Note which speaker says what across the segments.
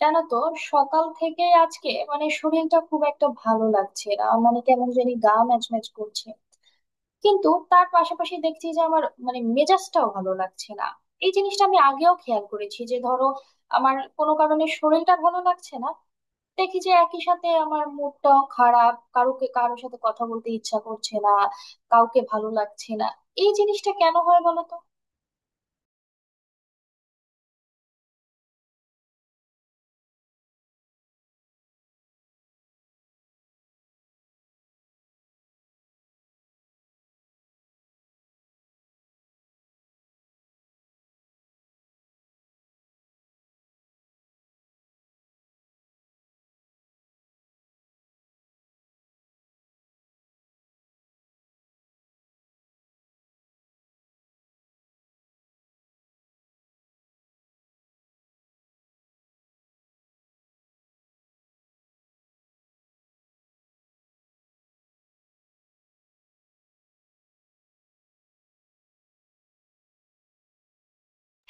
Speaker 1: জানো তো, সকাল থেকে আজকে মানে শরীরটা খুব একটা ভালো লাগছে না, মানে কেমন জানি গা ম্যাচ ম্যাচ করছে। কিন্তু তার পাশাপাশি দেখছি যে আমার মানে মেজাজটাও ভালো লাগছে না। এই জিনিসটা আমি আগেও খেয়াল করেছি যে ধরো আমার কোনো কারণে শরীরটা ভালো লাগছে না, দেখি যে একই সাথে আমার মুডটাও খারাপ, কারোকে কারোর সাথে কথা বলতে ইচ্ছা করছে না, কাউকে ভালো লাগছে না। এই জিনিসটা কেন হয় বলো তো?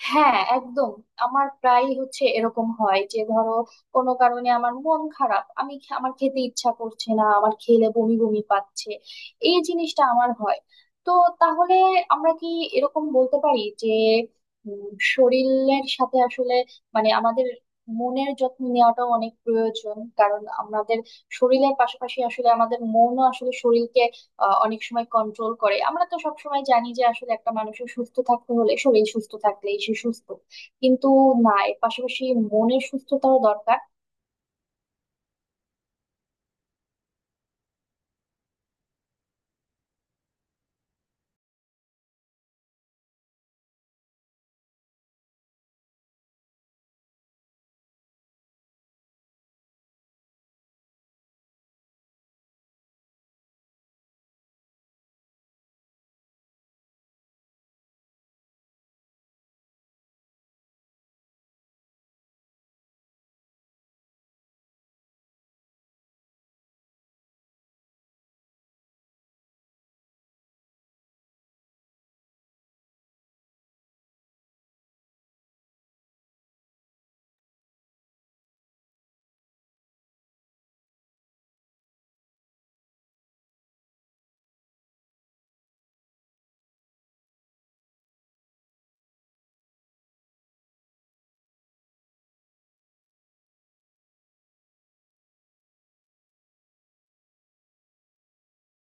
Speaker 1: হ্যাঁ, একদম। আমার প্রায় হচ্ছে, এরকম হয় যে ধরো কোনো কারণে আমার মন খারাপ, আমি আমার খেতে ইচ্ছা করছে না, আমার খেলে বমি বমি পাচ্ছে। এই জিনিসটা আমার হয়। তো তাহলে আমরা কি এরকম বলতে পারি যে উম, শরীরের সাথে আসলে মানে আমাদের মনের যত্ন নেওয়াটাও অনেক প্রয়োজন, কারণ আমাদের শরীরের পাশাপাশি আসলে আমাদের মনও আসলে শরীরকে অনেক সময় কন্ট্রোল করে। আমরা তো সব সময় জানি যে আসলে একটা মানুষের সুস্থ থাকতে হলে শরীর সুস্থ থাকলেই সে সুস্থ, কিন্তু না, এর পাশাপাশি মনের সুস্থতাও দরকার।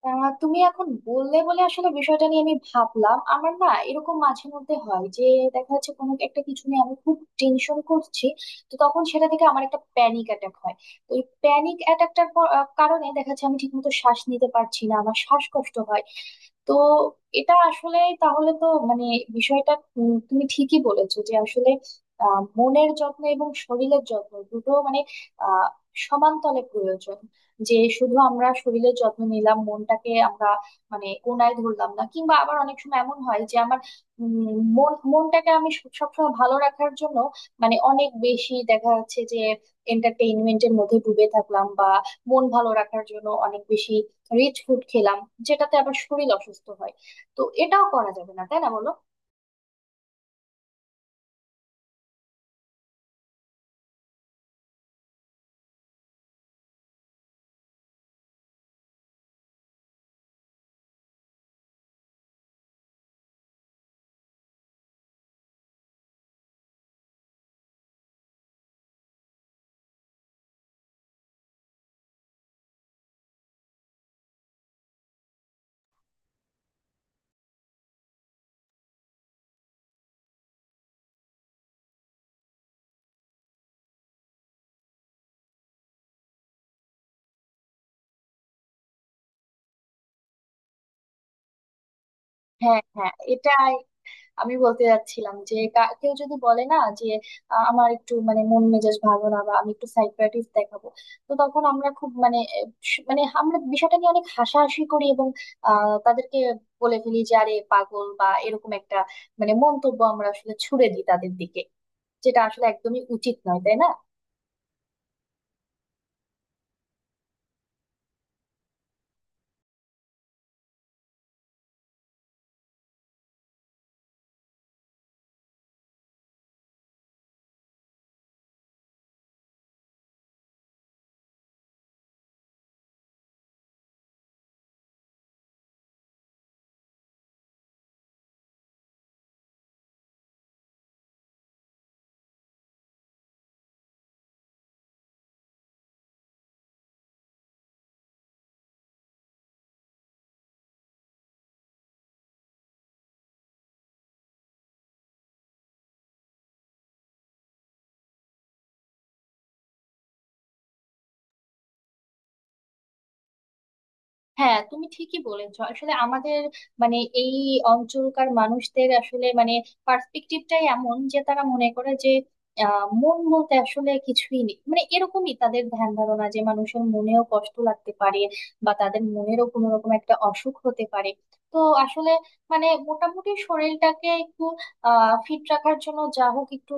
Speaker 1: তুমি এখন বললে বলে আসলে বিষয়টা নিয়ে আমি ভাবলাম, আমার না এরকম মাঝে মধ্যে হয় যে দেখা যাচ্ছে কোনো একটা কিছু নিয়ে আমি খুব টেনশন করছি, তো তখন সেটা থেকে আমার একটা প্যানিক অ্যাটাক হয়। তো এই প্যানিক অ্যাটাকটার কারণে দেখা যাচ্ছে আমি ঠিকমতো শ্বাস নিতে পারছি না, আমার শ্বাসকষ্ট হয়। তো এটা আসলে তাহলে তো মানে বিষয়টা, তুমি ঠিকই বলেছো যে আসলে মনের যত্ন এবং শরীরের যত্ন দুটো মানে আহ সমানতলে প্রয়োজন। যে শুধু আমরা শরীরের যত্ন নিলাম, মনটাকে আমরা মানে কোনায় ধরলাম না, কিংবা আবার অনেক সময় এমন হয় যে আমার উম, মন মনটাকে আমি সবসময় ভালো রাখার জন্য মানে অনেক বেশি দেখা যাচ্ছে যে এন্টারটেইনমেন্টের মধ্যে ডুবে থাকলাম, বা মন ভালো রাখার জন্য অনেক বেশি রিচ ফুড খেলাম, যেটাতে আবার শরীর অসুস্থ হয়। তো এটাও করা যাবে না, তাই না বলো? হ্যাঁ হ্যাঁ, এটাই আমি বলতে যাচ্ছিলাম যে কেউ যদি বলে না যে আমার একটু মানে মন মেজাজ ভালো না, বা আমি একটু সাইকিয়াট্রিস্ট দেখাবো, তো তখন আমরা খুব মানে মানে আমরা বিষয়টা নিয়ে অনেক হাসাহাসি করি, এবং তাদেরকে বলে ফেলি যে আরে পাগল, বা এরকম একটা মানে মন্তব্য আমরা আসলে ছুড়ে দিই তাদের দিকে, যেটা আসলে একদমই উচিত নয়, তাই না? হ্যাঁ, তুমি ঠিকই বলেছো। আসলে আমাদের মানে এই অঞ্চলকার মানুষদের আসলে মানে পার্সপেক্টিভটাই এমন যে তারা মনে করে যে মন বলতে আসলে কিছুই নেই, মানে এরকমই তাদের ধ্যান ধারণা, যে মানুষের মনেও কষ্ট লাগতে পারে বা তাদের মনেরও কোনো রকম একটা অসুখ হতে পারে। তো আসলে মানে মোটামুটি শরীরটাকে একটু ফিট রাখার জন্য যা হোক একটু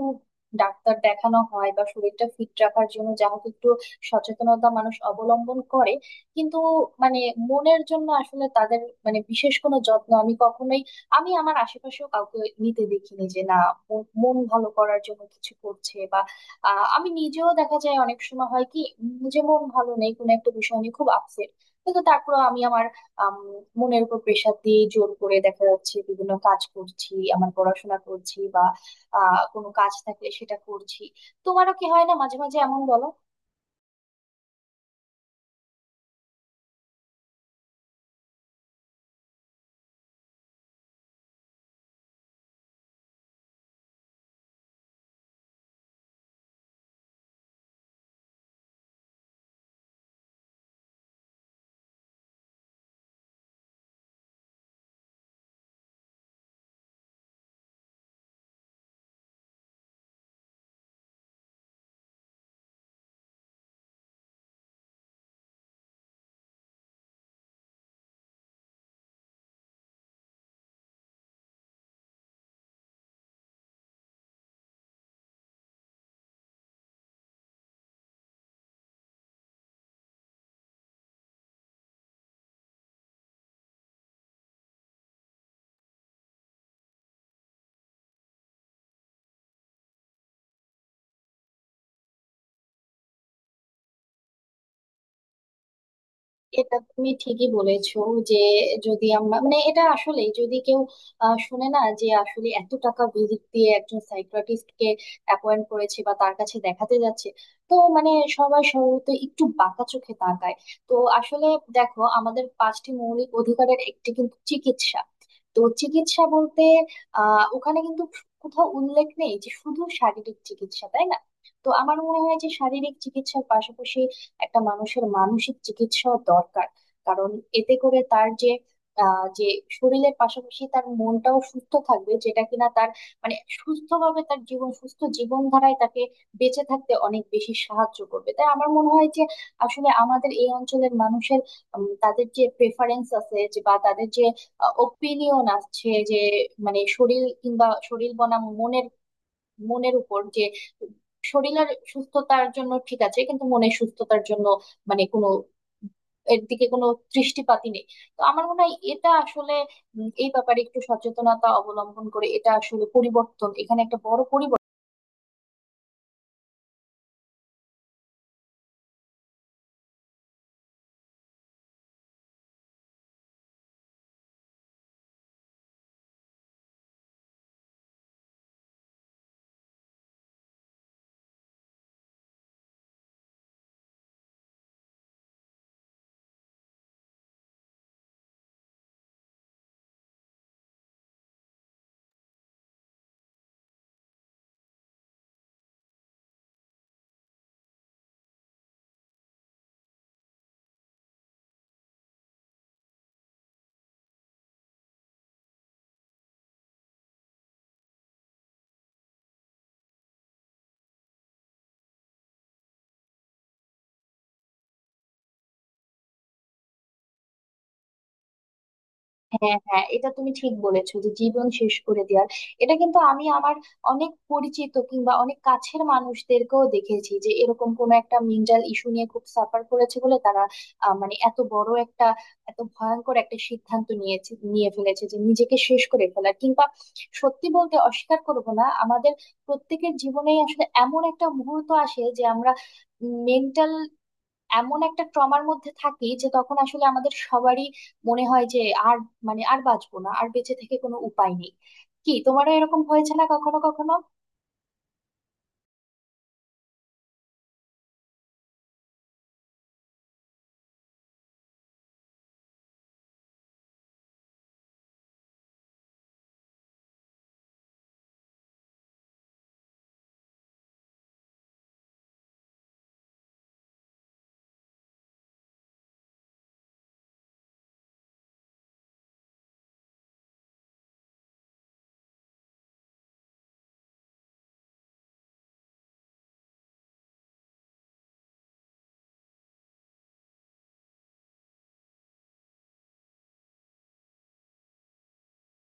Speaker 1: ডাক্তার দেখানো হয়, বা শরীরটা ফিট রাখার জন্য যা হোক একটু সচেতনতা মানুষ অবলম্বন করে, কিন্তু মানে মনের জন্য আসলে তাদের মানে বিশেষ কোনো যত্ন আমি কখনোই, আমি আমার আশেপাশেও কাউকে নিতে দেখিনি যে না, মন মন ভালো করার জন্য কিছু করছে। বা আমি নিজেও, দেখা যায় অনেক সময় হয় কি, যে মন ভালো নেই, কোনো একটা বিষয় নিয়ে খুব আপসেট, কিন্তু তারপর আমি আমার আম, মনের উপর প্রেশার দিয়ে জোর করে দেখা যাচ্ছে বিভিন্ন কাজ করছি, আমার পড়াশোনা করছি বা কোনো কাজ থাকলে সেটা করছি। তোমারও কি হয় না মাঝে মাঝে এমন, বলো? এটা তুমি ঠিকই বলেছো যে যদি আমরা মানে এটা আসলে যদি কেউ শুনে না যে আসলে এত টাকা ভিজিট দিয়ে একজন সাইকিয়াট্রিস্ট কে অ্যাপয়েন্ট করেছে বা তার কাছে দেখাতে যাচ্ছে, তো মানে সবাই সম্ভবত একটু বাঁকা চোখে তাকায়। তো আসলে দেখো, আমাদের পাঁচটি মৌলিক অধিকারের একটি কিন্তু চিকিৎসা। তো চিকিৎসা বলতে ওখানে কিন্তু কোথাও উল্লেখ নেই যে শুধু শারীরিক চিকিৎসা, তাই না? তো আমার মনে হয় যে শারীরিক চিকিৎসার পাশাপাশি একটা মানুষের মানসিক চিকিৎসাও দরকার, কারণ এতে করে তার যে আহ, যে শরীরের পাশাপাশি তার মনটাও সুস্থ থাকবে, যেটা কিনা তার মানে সুস্থভাবে তার জীবন, সুস্থ জীবনধারায় তাকে বেঁচে থাকতে অনেক বেশি সাহায্য করবে। তাই আমার মনে হয় যে আসলে আমাদের এই অঞ্চলের মানুষের তাদের যে প্রেফারেন্স আছে, যে বা তাদের যে ওপিনিয়ন আছে যে মানে শরীর কিংবা শরীর বনাম মনের, মনের উপর যে শরীরের সুস্থতার জন্য ঠিক আছে কিন্তু মনের সুস্থতার জন্য মানে কোনো, এর দিকে কোনো দৃষ্টিপাতই নেই। তো আমার মনে হয় এটা আসলে এই ব্যাপারে একটু সচেতনতা অবলম্বন করে এটা আসলে পরিবর্তন, এখানে একটা বড় পরিবর্তন। হ্যাঁ হ্যাঁ, এটা তুমি ঠিক বলেছো যে জীবন শেষ করে দেওয়ার, এটা কিন্তু আমি আমার অনেক পরিচিত কিংবা অনেক কাছের মানুষদেরকেও দেখেছি যে এরকম কোনো একটা মেন্টাল ইস্যু নিয়ে খুব সাফার করেছে বলে তারা মানে এত বড় একটা, এত ভয়ঙ্কর একটা সিদ্ধান্ত নিয়েছে, নিয়ে ফেলেছে যে নিজেকে শেষ করে ফেলার, কিংবা সত্যি বলতে অস্বীকার করব না, আমাদের প্রত্যেকের জীবনেই আসলে এমন একটা মুহূর্ত আসে যে আমরা মেন্টাল এমন একটা ট্রমার মধ্যে থাকি যে তখন আসলে আমাদের সবারই মনে হয় যে আর মানে আর বাঁচবো না, আর বেঁচে থেকে কোনো উপায় নেই। কি, তোমারও এরকম হয়েছে না কখনো কখনো?